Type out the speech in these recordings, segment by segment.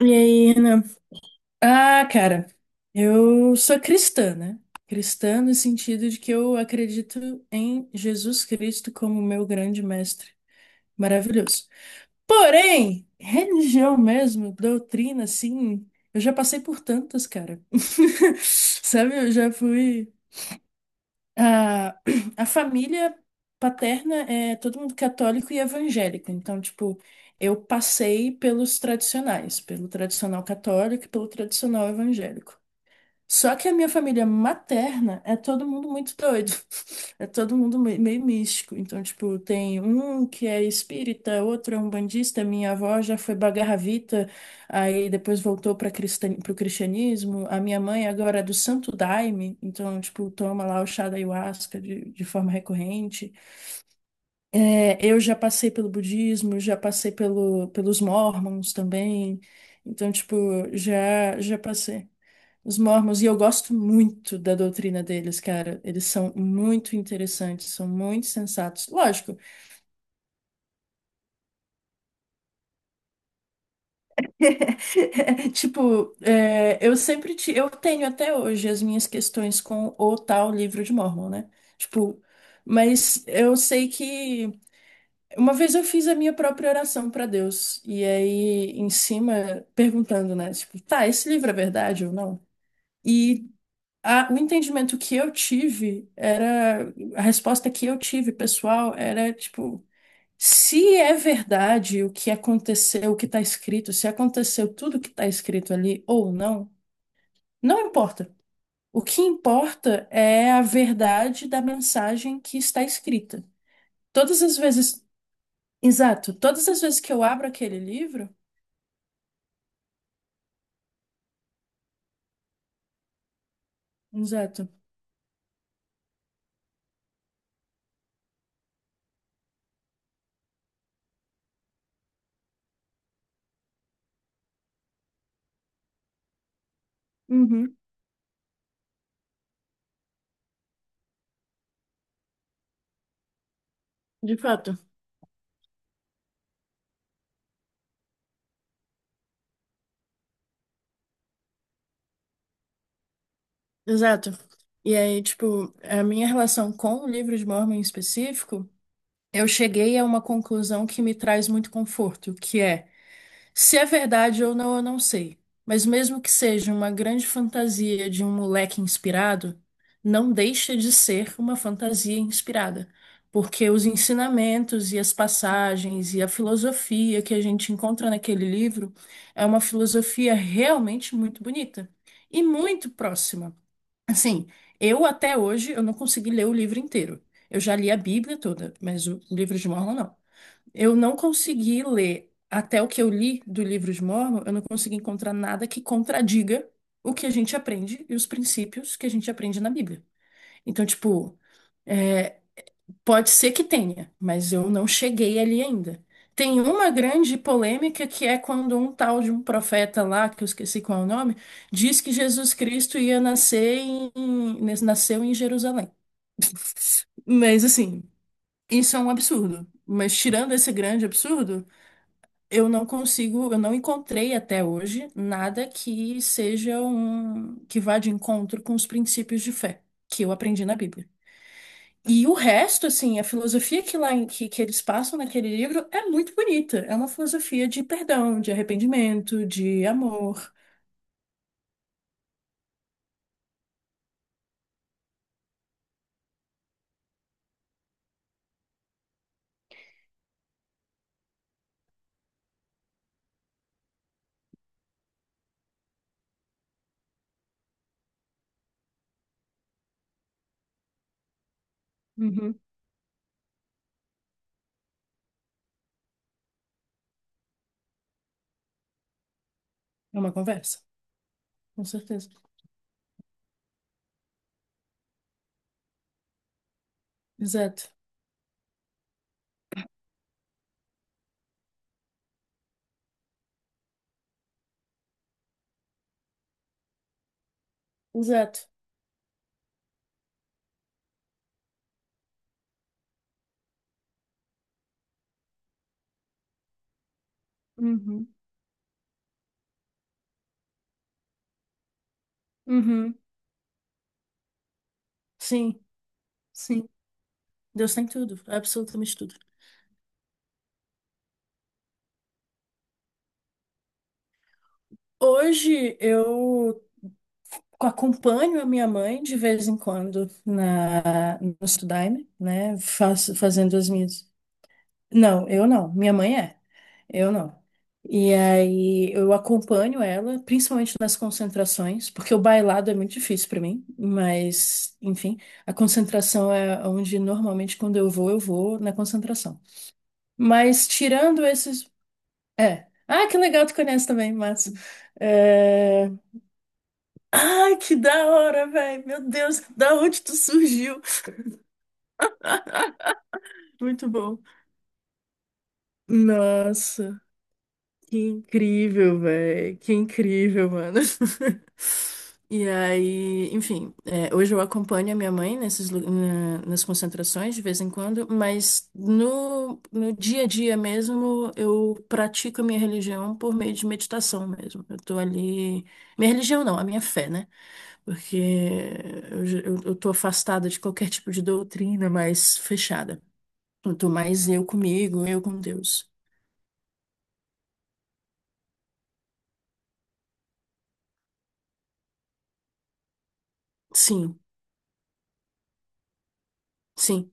E aí, Renan? Ah, cara, eu sou cristã, né? Cristã no sentido de que eu acredito em Jesus Cristo como meu grande mestre. Maravilhoso. Porém, religião mesmo, doutrina, assim, eu já passei por tantas, cara. Sabe, eu já fui. A, a família paterna é todo mundo católico e evangélico. Então, tipo, eu passei pelos tradicionais, pelo tradicional católico e pelo tradicional evangélico. Só que a minha família materna é todo mundo muito doido. É todo mundo meio místico. Então, tipo, tem um que é espírita, outro é umbandista. Minha avó já foi bagarravita, aí depois voltou para o cristianismo. A minha mãe agora é do Santo Daime, então, tipo, toma lá o chá da ayahuasca de forma recorrente. É, eu já passei pelo budismo, já passei pelos mormons também. Então, tipo, já passei. Os Mormons, e eu gosto muito da doutrina deles, cara. Eles são muito interessantes, são muito sensatos. Lógico. Tipo, é, eu tenho até hoje as minhas questões com o tal livro de Mormon, né? Tipo, mas eu sei que uma vez eu fiz a minha própria oração para Deus, e aí em cima perguntando, né? Tipo, tá, esse livro é verdade ou não? E o entendimento que eu tive era, a resposta que eu tive, pessoal, era tipo, se é verdade o que aconteceu, o que está escrito, se aconteceu tudo o que está escrito ali ou não, não importa. O que importa é a verdade da mensagem que está escrita. Todas as vezes, exato, todas as vezes que eu abro aquele livro, exato. Uhum, de fato, exato. E aí, tipo, a minha relação com o livro de Mormon em específico, eu cheguei a uma conclusão que me traz muito conforto, que é, se é verdade ou não, eu não sei. Mas mesmo que seja uma grande fantasia de um moleque inspirado, não deixa de ser uma fantasia inspirada, porque os ensinamentos e as passagens e a filosofia que a gente encontra naquele livro é uma filosofia realmente muito bonita e muito próxima. Assim, eu até hoje eu não consegui ler o livro inteiro. Eu já li a Bíblia toda, mas o livro de Mórmon não. Eu não consegui ler, até o que eu li do livro de Mórmon, eu não consegui encontrar nada que contradiga o que a gente aprende e os princípios que a gente aprende na Bíblia. Então, tipo, é, pode ser que tenha, mas eu não cheguei ali ainda. Tem uma grande polêmica que é quando um tal de um profeta lá, que eu esqueci qual é o nome, diz que Jesus Cristo nasceu em Jerusalém. Mas assim, isso é um absurdo. Mas tirando esse grande absurdo, eu não encontrei até hoje nada que seja que vá de encontro com os princípios de fé que eu aprendi na Bíblia. E o resto, assim, a filosofia que que eles passam naquele livro é muito bonita. É uma filosofia de perdão, de arrependimento, de amor. Uhum. É uma conversa, com certeza. Exato, exato. Uhum. Uhum. Sim, sim. Deus tem tudo, absolutamente tudo. Hoje eu acompanho a minha mãe de vez em quando no Studime, né? Faço, fazendo as minhas. Não, eu não. Minha mãe é. Eu não. E aí eu acompanho ela, principalmente nas concentrações, porque o bailado é muito difícil pra mim, mas enfim, a concentração é onde normalmente quando eu vou na concentração. Mas tirando esses, é. Ah, que legal, tu conhece também, Márcio. É... Ai, que da hora, velho. Meu Deus, da onde tu surgiu? Muito bom. Nossa. Que incrível, velho. Que incrível, mano. E aí, enfim, é, hoje eu acompanho a minha mãe nesses, nas concentrações de vez em quando, mas no dia a dia mesmo eu pratico a minha religião por meio de meditação mesmo. Eu tô ali. Minha religião não, a minha fé, né? Porque eu tô afastada de qualquer tipo de doutrina mais fechada. Eu tô mais eu comigo, eu com Deus. Sim, sim,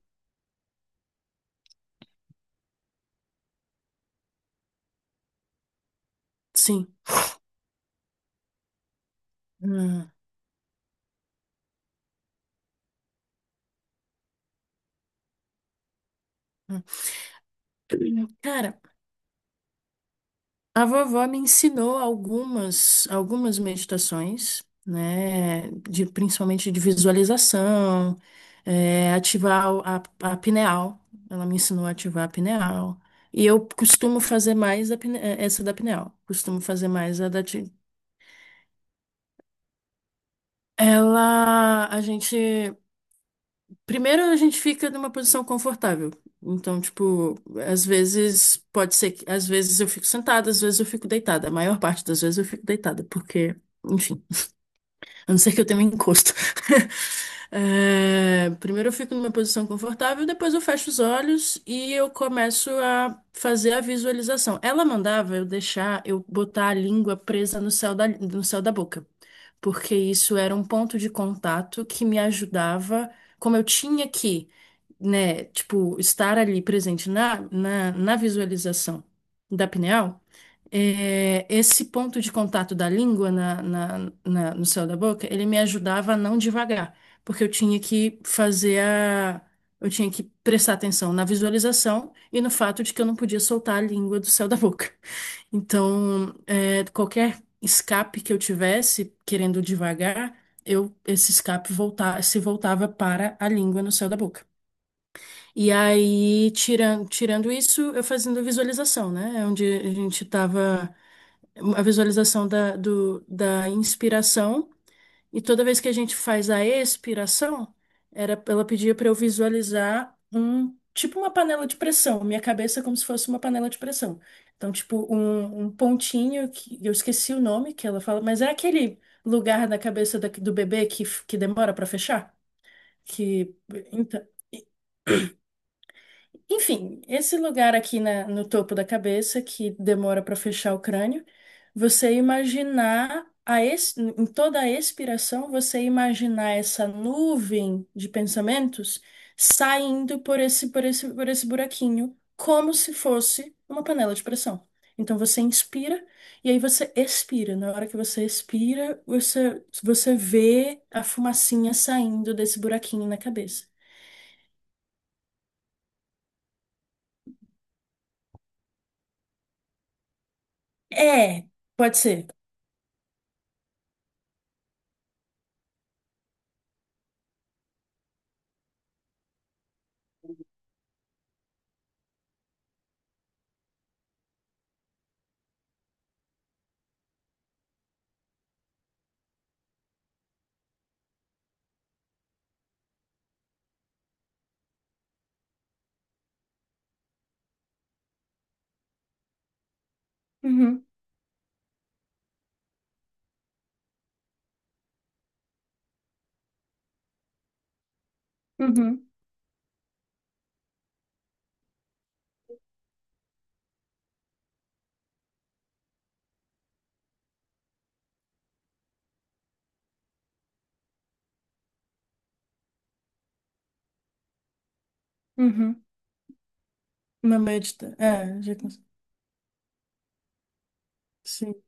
sim. Cara, a vovó me ensinou algumas meditações, né? De, principalmente de visualização, é, ativar a pineal. Ela me ensinou a ativar a pineal. E eu costumo fazer mais a essa da pineal. Costumo fazer mais a da. Ti- Ela, a gente primeiro, a gente fica numa posição confortável. Então, tipo, às vezes pode ser que às vezes eu fico sentada, às vezes eu fico deitada. A maior parte das vezes eu fico deitada, porque, enfim. A não ser que eu tenha um encosto. É, primeiro eu fico numa posição confortável, depois eu fecho os olhos e eu começo a fazer a visualização. Ela mandava eu deixar, eu botar a língua presa no céu da boca, porque isso era um ponto de contato que me ajudava, como eu tinha que, né, tipo, estar ali presente na visualização da pineal, é, esse ponto de contato da língua no céu da boca, ele me ajudava a não devagar, porque eu tinha que prestar atenção na visualização e no fato de que eu não podia soltar a língua do céu da boca. Então, é, qualquer escape que eu tivesse querendo devagar, eu esse escape volta, se voltava para a língua no céu da boca. E aí, tirando isso, eu fazendo visualização, né? É. Onde a gente estava, a visualização da inspiração, e toda vez que a gente faz a expiração, era, ela pedia para eu visualizar um tipo uma panela de pressão, minha cabeça é como se fosse uma panela de pressão. Então, tipo, um pontinho que eu esqueci o nome que ela fala, mas é aquele lugar na cabeça do bebê que, que demora para fechar? Que, então, enfim, esse lugar aqui no topo da cabeça que demora para fechar o crânio, você imaginar a em toda a expiração, você imaginar essa nuvem de pensamentos saindo por esse buraquinho, como se fosse uma panela de pressão. Então você inspira e aí você expira. Na hora que você expira, você vê a fumacinha saindo desse buraquinho na cabeça. É, pode ser. Uhum. Uhum, uhum. Uma meia distância. É, já consegui. Sim.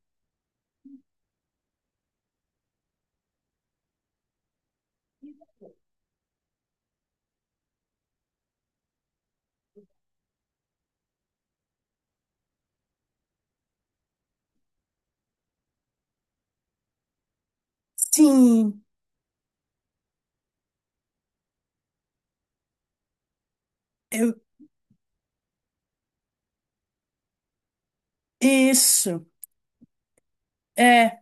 Sim, eu... isso. É,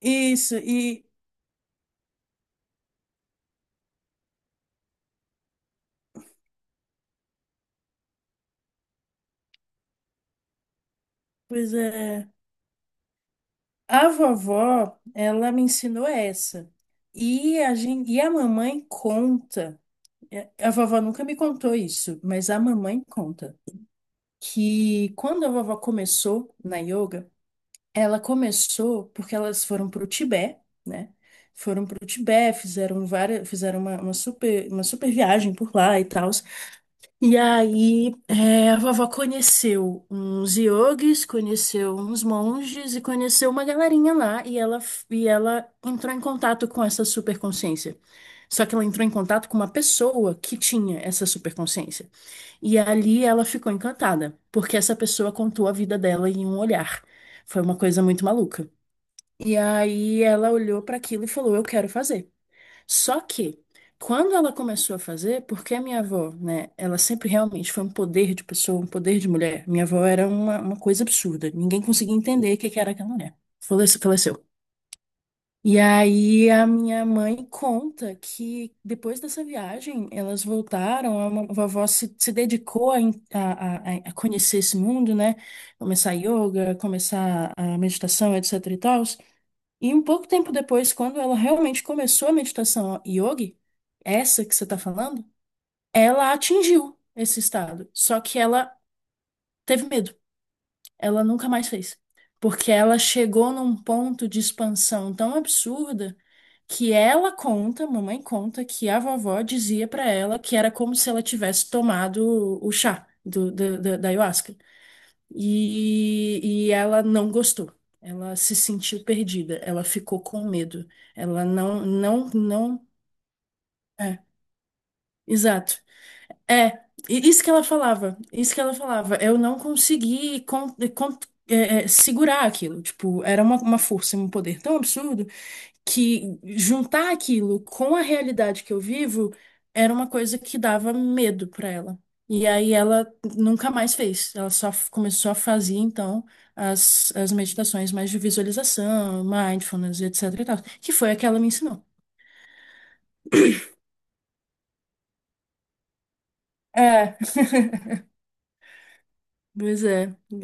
isso. Pois é, a vovó, ela me ensinou essa. E a gente... e a mamãe conta. É, a vovó nunca me contou isso, mas a mamãe conta que quando a vovó começou na yoga, ela começou porque elas foram para o Tibete, né? Foram para o Tibete, fizeram uma super viagem por lá e tal. E aí, é, a vovó conheceu uns yogis, conheceu uns monges e conheceu uma galerinha lá. E e ela entrou em contato com essa superconsciência. Só que ela entrou em contato com uma pessoa que tinha essa superconsciência. E ali ela ficou encantada, porque essa pessoa contou a vida dela em um olhar. Foi uma coisa muito maluca. E aí ela olhou para aquilo e falou: eu quero fazer. Só que, quando ela começou a fazer, porque a minha avó, né, ela sempre realmente foi um poder de pessoa, um poder de mulher. Minha avó era uma coisa absurda. Ninguém conseguia entender o que que era aquela mulher. Faleceu. E aí a minha mãe conta que depois dessa viagem elas voltaram, a a vovó se dedicou a, en- a, a conhecer esse mundo, né? Começar yoga, começar a meditação, etc e tal. E um pouco tempo depois, quando ela realmente começou a meditação yogi, essa que você está falando, ela atingiu esse estado. Só que ela teve medo, ela nunca mais fez. Porque ela chegou num ponto de expansão tão absurda que ela conta, mamãe conta, que a vovó dizia pra ela que era como se ela tivesse tomado o chá da ayahuasca. E ela não gostou. Ela se sentiu perdida, ela ficou com medo. Ela não, não, Não. É, exato. É, isso que ela falava, isso que ela falava. Eu não consegui é, segurar aquilo. Tipo, era uma força, um poder tão absurdo que juntar aquilo com a realidade que eu vivo era uma coisa que dava medo pra ela. E aí ela nunca mais fez. Começou a fazer, então, as meditações mais de visualização, mindfulness, etc e tal, que foi a que ela me ensinou. É, pois é.